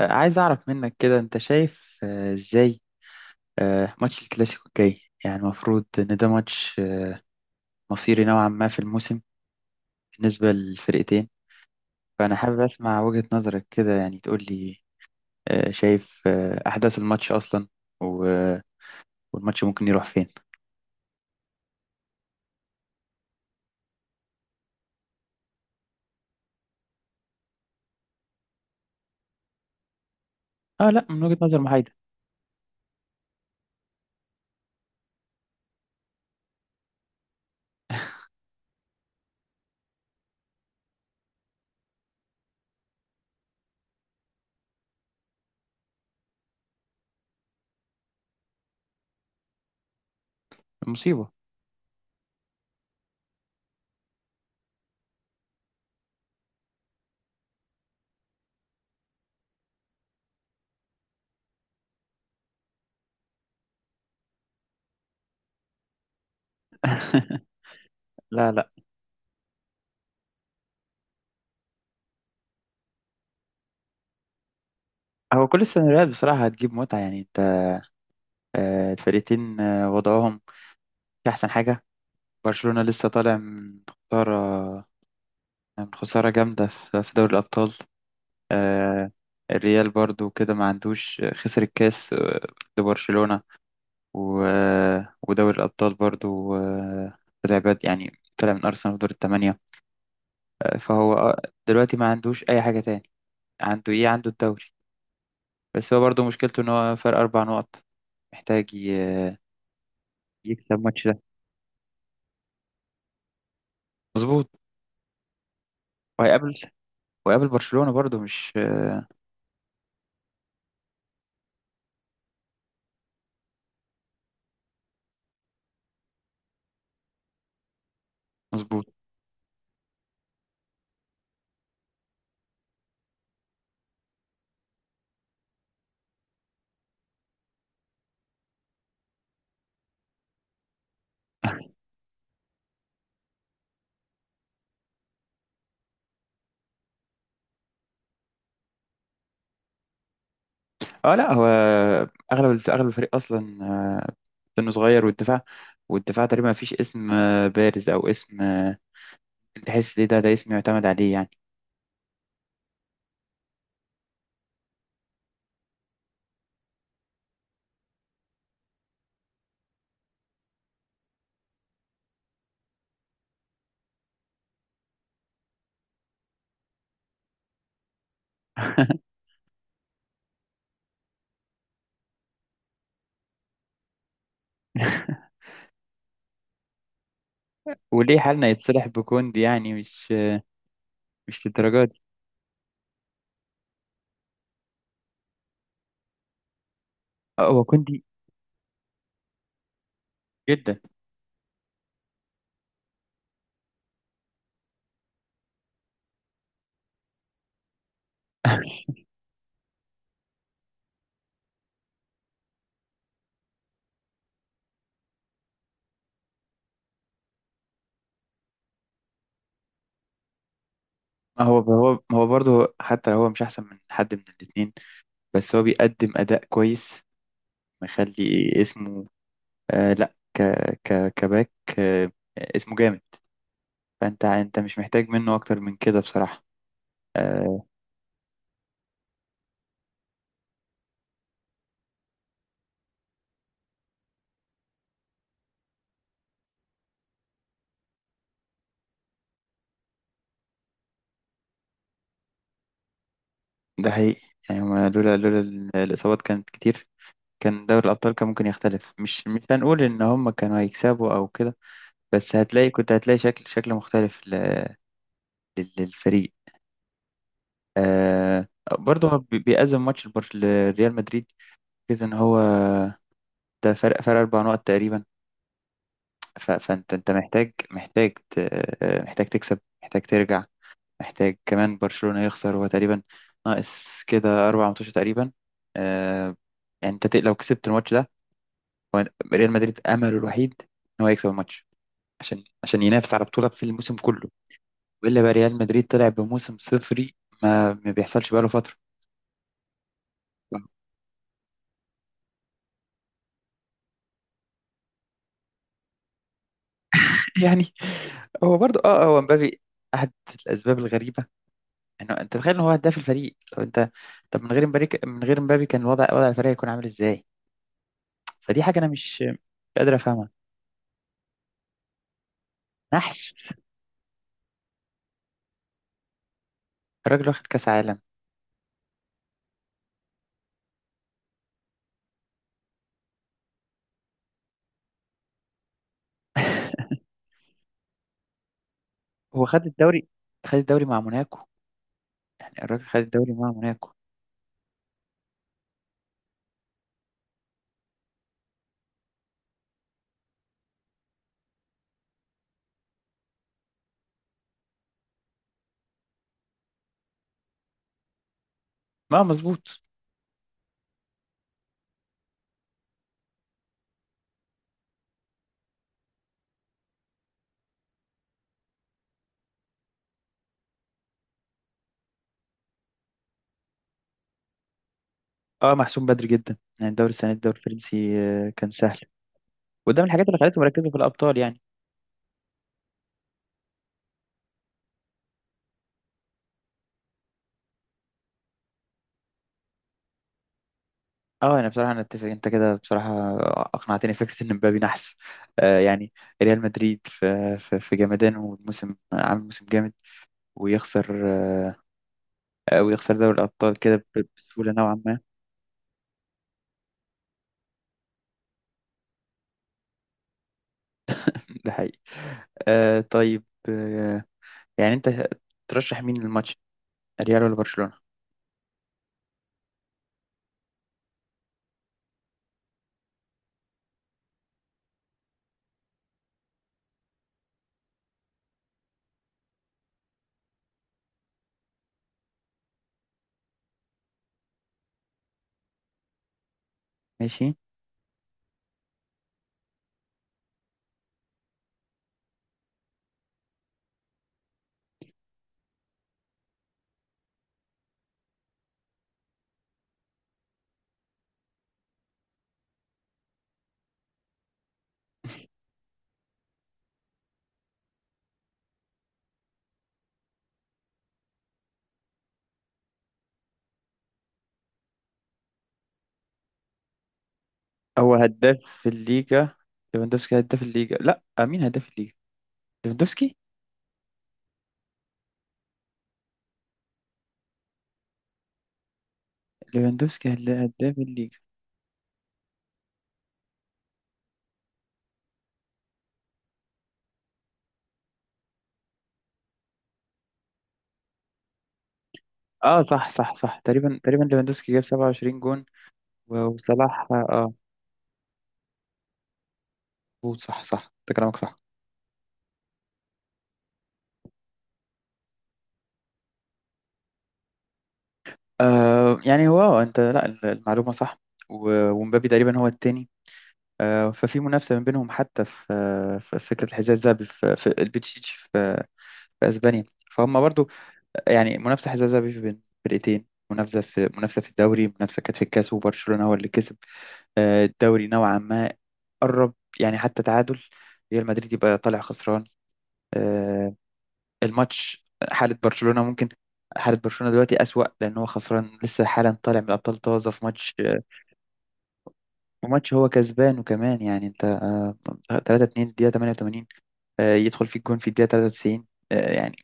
عايز أعرف منك كده أنت شايف إزاي ماتش الكلاسيكو الجاي يعني المفروض إن ده ماتش مصيري نوعا ما في الموسم بالنسبة للفرقتين. فأنا حابب أسمع وجهة نظرك كده، يعني تقول لي شايف أحداث الماتش أصلا، و- والماتش ممكن يروح فين؟ آه، لا، من وجهة نظر محايدة. مصيبة. لا، لا. هو كل السيناريوهات بصراحة هتجيب متعة. يعني أنت الفرقتين وضعهم مش أحسن حاجة. برشلونة لسه طالع من خسارة، كانت خسارة جامدة في دوري الأبطال. آه، الريال برضو كده ما عندوش، خسر الكاس لبرشلونة. ودوري الأبطال برضو طلع بد، يعني طلع من أرسنال في دور الثمانية. فهو دلوقتي ما عندوش أي حاجة تاني. عنده إيه؟ عنده الدوري. بس هو برضو مشكلته إن هو فرق أربع نقط، محتاج يكسب الماتش ده. مظبوط. وهيقابل وهيقابل برشلونة برضو، مش مظبوط. اه، لا، هو اغلب الفريق اصلا سنه صغير. والدفاع، تقريبا ما فيش اسم بارز او اسم تحس ليه ده اسم يعتمد عليه يعني. وليه حالنا يتصلح بكوندي؟ يعني مش للدرجه دي. هو كوندي جدا. ما هو برضه، حتى لو هو مش احسن من حد من الاثنين، بس هو بيقدم اداء كويس، مخلي اسمه. لا، ك ك كباك. آه، اسمه جامد. انت مش محتاج منه اكتر من كده بصراحة. آه، ده حقيقي. يعني هما لولا الإصابات كانت كتير، دوري الأبطال كان ممكن يختلف. مش هنقول إن هما كانوا هيكسبوا أو كده، بس هتلاقي، كنت هتلاقي شكل مختلف للفريق. آه برضه هو بيأزم ماتش لريال مدريد كده، إن هو ده فرق أربع نقط تقريبا. فأنت محتاج محتاج تكسب، محتاج ترجع، محتاج كمان برشلونة يخسر. هو تقريبا ناقص كده أربع ماتشات تقريبا. آه، يعني لو كسبت الماتش ده، هو ريال مدريد امله الوحيد ان هو يكسب الماتش عشان ينافس على بطوله في الموسم كله. والا بقى ريال مدريد طلع بموسم صفري، ما بيحصلش بقاله فتره. يعني هو برضو اه، هو مبابي احد الاسباب الغريبه. انه انت تخيل ان هو هداف الفريق؟ طب انت، طب من غير مبابي كان وضع الفريق هيكون عامل ازاي؟ فدي حاجه انا مش قادر افهمها. نحس؟ الراجل واخد كاس عالم. هو خد الدوري، مع موناكو. يعني الراجل خد الدوري مع موناكو. ما مظبوط، اه. محسوم بدري جدا، يعني الدوري السنه دي الدوري الفرنسي كان سهل. وده من الحاجات اللي خلته مركزه في الابطال يعني. اه، انا بصراحه، اتفق. انت كده بصراحه اقنعتني، فكره ان مبابي نحس. يعني ريال مدريد في جمدانه، والموسم عامل موسم جامد. ويخسر آه، ويخسر دوري الابطال كده بسهوله نوعا ما. ده حقيقي. آه، طيب. آه يعني انت ترشح مين للماتش، ريال ولا برشلونه؟ ماشي. هو هداف الليجا ليفاندوفسكي، هداف الليجا؟ لا، مين هداف الليجا؟ ليفاندوفسكي. ليفاندوفسكي هداف الليجا. اه، صح، صح، صح، تقريبا، ليفاندوفسكي جاب 27 جون. وصلاح، اه. مظبوط، صح، صح، انت كلامك صح. يعني هو انت، لا، المعلومة صح. ومبابي تقريبا هو التاني. آه، ففي منافسة من بينهم، حتى في في فكرة الحذاء الذهبي في البتشيتش، في اسبانيا. فهم برضو يعني منافسة حذاء ذهبي بين فرقتين، منافسة في الدوري، منافسة كانت في الكاس، وبرشلونة هو اللي كسب الدوري نوعا ما قرب. يعني حتى تعادل، ريال مدريد يبقى طالع خسران آه، الماتش. حالة برشلونة دلوقتي أسوأ، لأن هو خسران لسه حالا طالع من الأبطال طازة في ماتش وماتش هو كسبان. وكمان يعني أنت 3-2 الدقيقة 88، يدخل فيك جون في الدقيقة 93. يعني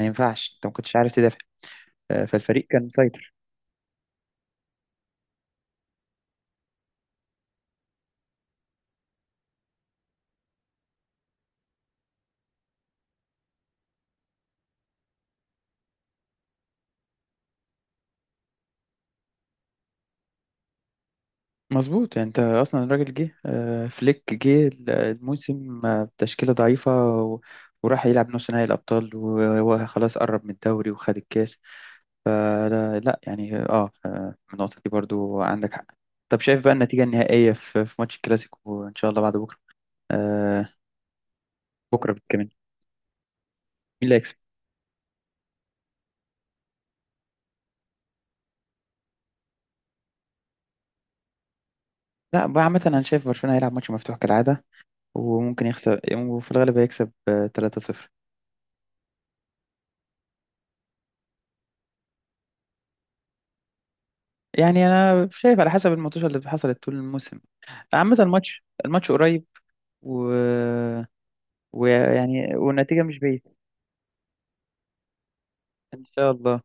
ما ينفعش أنت ما كنتش عارف تدافع فالفريق كان مسيطر. مظبوط. يعني انت اصلا الراجل جه فليك جه الموسم بتشكيله ضعيفه. و- وراح يلعب نص نهائي الابطال، وهو خلاص قرب من الدوري وخد الكاس. فلا، لا، يعني اه، النقطه دي برضو عندك حق. طب شايف بقى النتيجه النهائيه في ماتش الكلاسيكو ان شاء الله بعد بكره؟ آه، بكره كمان، مين اللي هيكسب؟ لا بقى عامه، انا شايف برشلونه هيلعب ماتش مفتوح كالعاده، وممكن يخسر، وفي الغالب هيكسب 3-0. يعني انا شايف على حسب الماتشات اللي حصلت طول الموسم. عامة الماتش قريب، و... ويعني والنتيجة مش بعيد إن شاء الله.